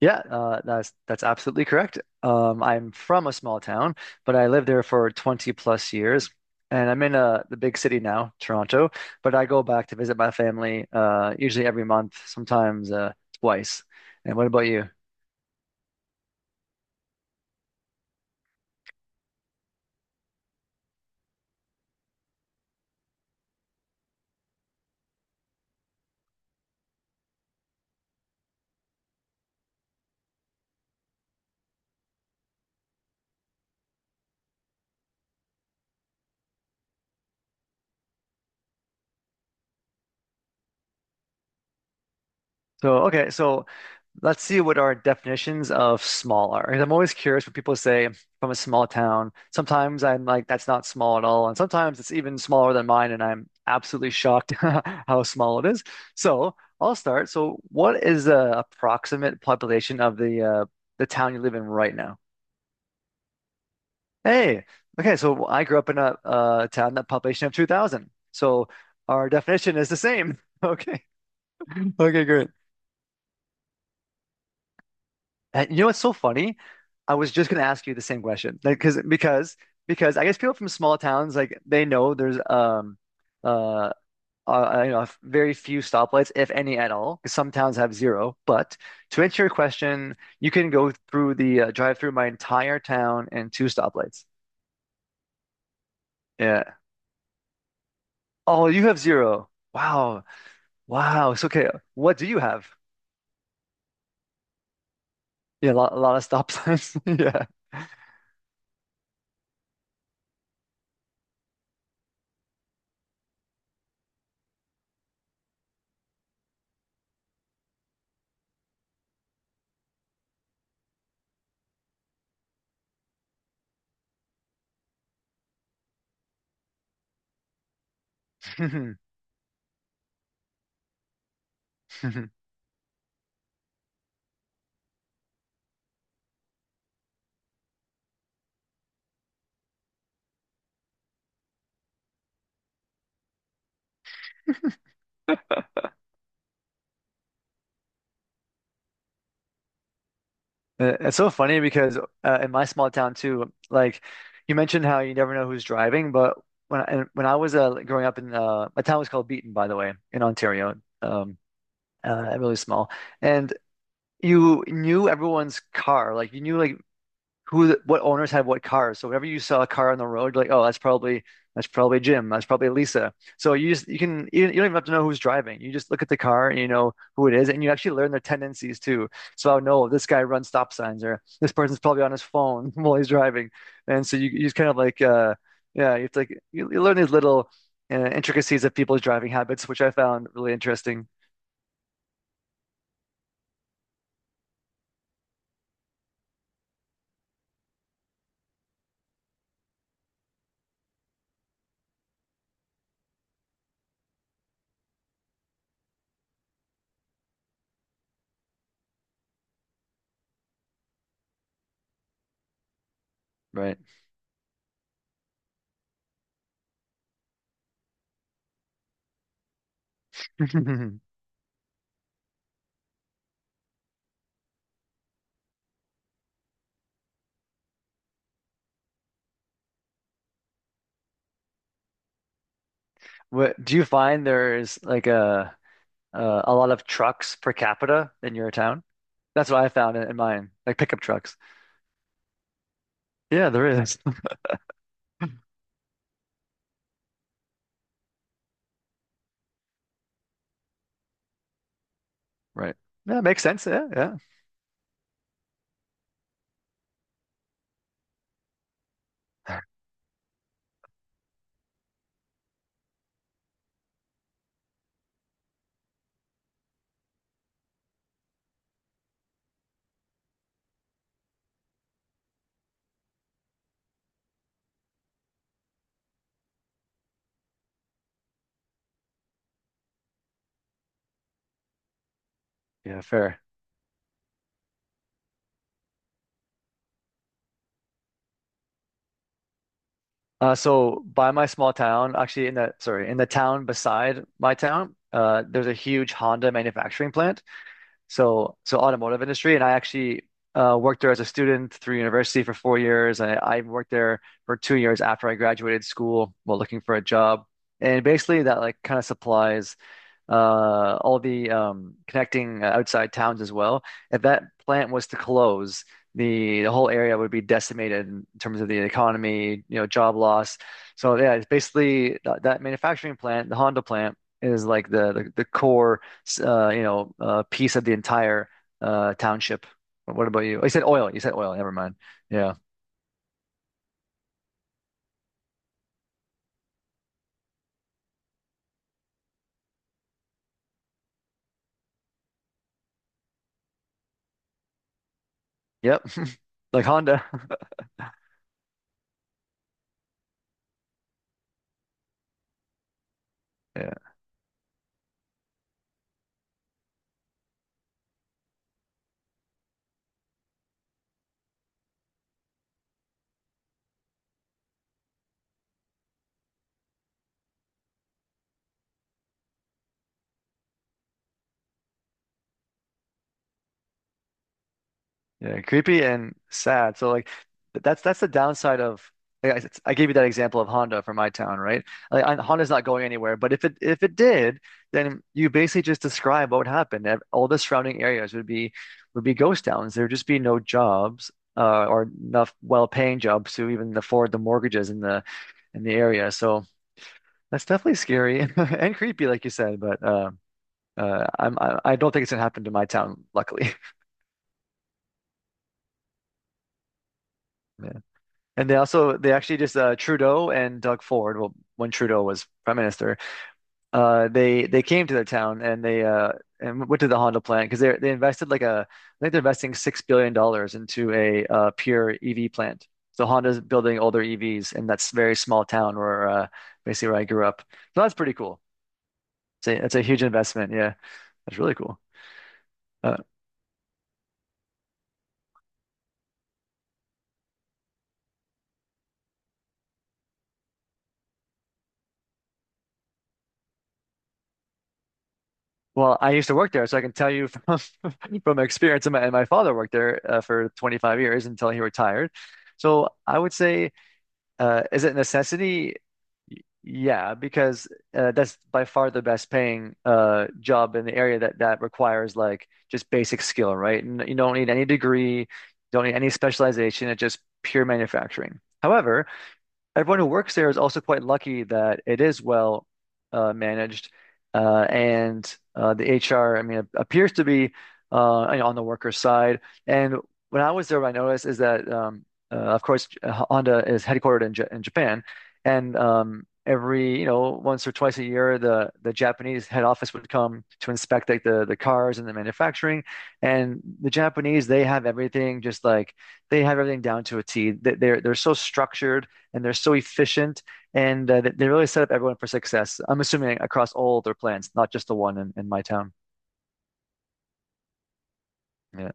Yeah, that's absolutely correct. I'm from a small town, but I lived there for 20 plus years, and I'm in the big city now, Toronto. But I go back to visit my family usually every month, sometimes twice. And what about you? So let's see what our definitions of small are. Because I'm always curious when people say from a small town. Sometimes I'm like, that's not small at all. And sometimes it's even smaller than mine, and I'm absolutely shocked how small it is. So I'll start. So what is the approximate population of the town you live in right now? Hey, okay, so I grew up in a town that population of 2,000. So our definition is the same. Okay. Okay, great. And you know what's so funny? I was just gonna ask you the same question, like, because I guess people from small towns like they know there's uh, you know very few stoplights if any at all. 'Cause some towns have zero. But to answer your question, you can go through the drive through my entire town and two stoplights. Yeah. Oh, you have zero. Wow. Wow. So okay. What do you have? Yeah, a lot of stop signs. Yeah. It's so funny because in my small town too, like you mentioned how you never know who's driving, but when I was like, growing up in my town was called Beaton, by the way, in Ontario, um, really small, and you knew everyone's car, like you knew like who what owners had what cars. So whenever you saw a car on the road, you're like, oh, that's probably Jim, that's probably Lisa. So you just don't even have to know who's driving. You just look at the car and you know who it is, and you actually learn their tendencies too. So I know this guy runs stop signs, or this person's probably on his phone while he's driving, and so you just kind of like yeah, you have to like, you learn these little intricacies of people's driving habits, which I found really interesting. Right. What do you find there's like a lot of trucks per capita in your town. That's what I found in mine, like pickup trucks. Yeah, there is. Right. Yeah, makes sense. Yeah, yeah, yeah. Fair. So by my small town, actually in the sorry, in the town beside my town, there's a huge Honda manufacturing plant. So so automotive industry, and I actually worked there as a student through university for four years. I worked there for two years after I graduated school while looking for a job. And basically that like kind of supplies all the connecting outside towns as well. If that plant was to close, the whole area would be decimated in terms of the economy, you know, job loss. So yeah, it's basically that, that manufacturing plant, the Honda plant, is like the core, piece of the entire township. What about you? Oh, you said oil. You said oil. Never mind. Yeah. Yep. Like Honda. Yeah, creepy and sad. So like that's the downside of I gave you that example of Honda from my town, right? Like Honda's not going anywhere, but if it did, then you basically just describe what would happen. All the surrounding areas would be ghost towns. There'd just be no jobs or enough well-paying jobs to even afford the mortgages in the area. So that's definitely scary and creepy, like you said. But I don't think it's gonna happen to my town, luckily. And they also they actually just Trudeau and Doug Ford. Well, when Trudeau was prime minister, they came to their town and they and went to the Honda plant because they invested like a I think they're investing $6 billion into a pure EV plant. So Honda's building all their EVs in that very small town where basically where I grew up. So that's pretty cool. It's it's a huge investment. Yeah, that's really cool. Uh, Well, I used to work there, so I can tell you from from experience. And my father worked there for 25 years until he retired. So I would say, is it a necessity? Yeah, because that's by far the best paying job in the area that requires like just basic skill, right? And you don't need any degree, you don't need any specialization. It's just pure manufacturing. However, everyone who works there is also quite lucky that it is well managed, and the HR, I mean, appears to be you know, on the worker's side. And when I was there, what I noticed is that, of course, Honda is headquartered in Japan, and every you know once or twice a year, the Japanese head office would come to inspect like the cars and the manufacturing. And the Japanese, they have everything just like they have everything down to a T. They're so structured and they're so efficient and they really set up everyone for success. I'm assuming across all their plans, not just the one in my town. Yeah.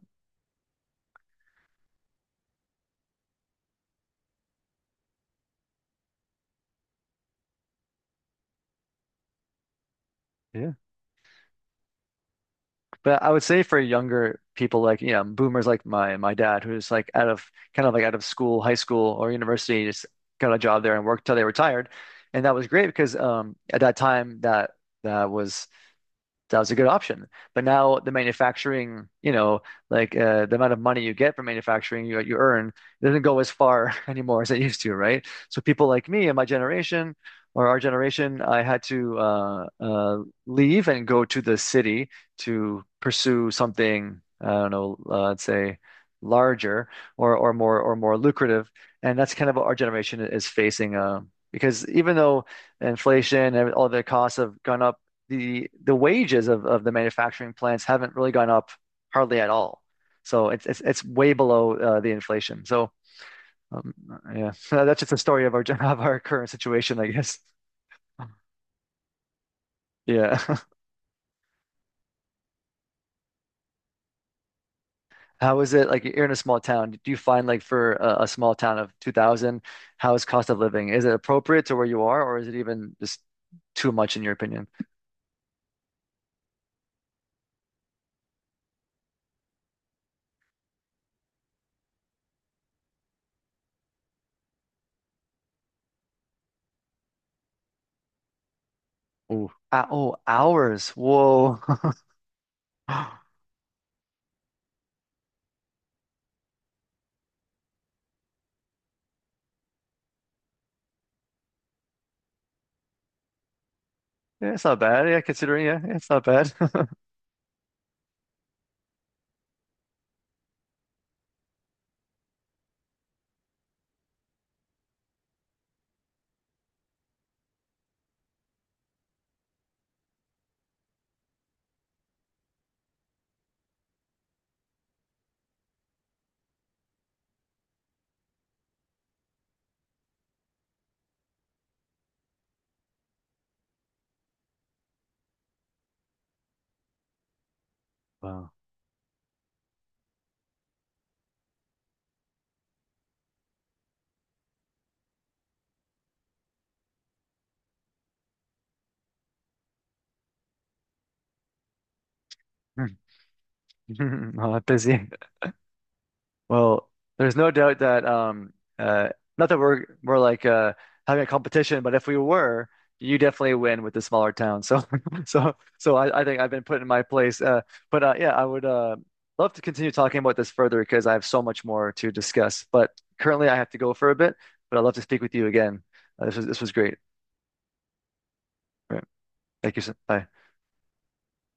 Yeah. But I would say for younger people like, you know, boomers like my dad, who's like out of kind of like out of school, high school or university, just got a job there and worked till they retired. And that was great because at that time that was That was a good option. But now the manufacturing, you know, like the amount of money you get from manufacturing, you earn, it doesn't go as far anymore as it used to, right? So people like me and my generation or our generation, I had to leave and go to the city to pursue something, I don't know, let's say larger or more lucrative. And that's kind of what our generation is facing because even though inflation and all the costs have gone up, the wages of the manufacturing plants haven't really gone up hardly at all. So it's way below the inflation. So um, yeah, that's just a story of our of our current situation, I guess. Yeah. How is it like you're in a small town? Do you find like for a small town of 2,000, how is cost of living? Is it appropriate to where you are, or is it even just too much in your opinion? Ooh. Oh, hours. Whoa. Yeah, it's not bad. Yeah, considering, yeah, yeah, it's not bad. Wow. Oh, I'm busy. Well, there's no doubt that uh not that we're like having a competition, but if we were, you definitely win with the smaller town. So so so I think I've been put in my place. But yeah, I would love to continue talking about this further because I have so much more to discuss. But currently I have to go for a bit, but I'd love to speak with you again. This was great. Thank you. Sir. Bye.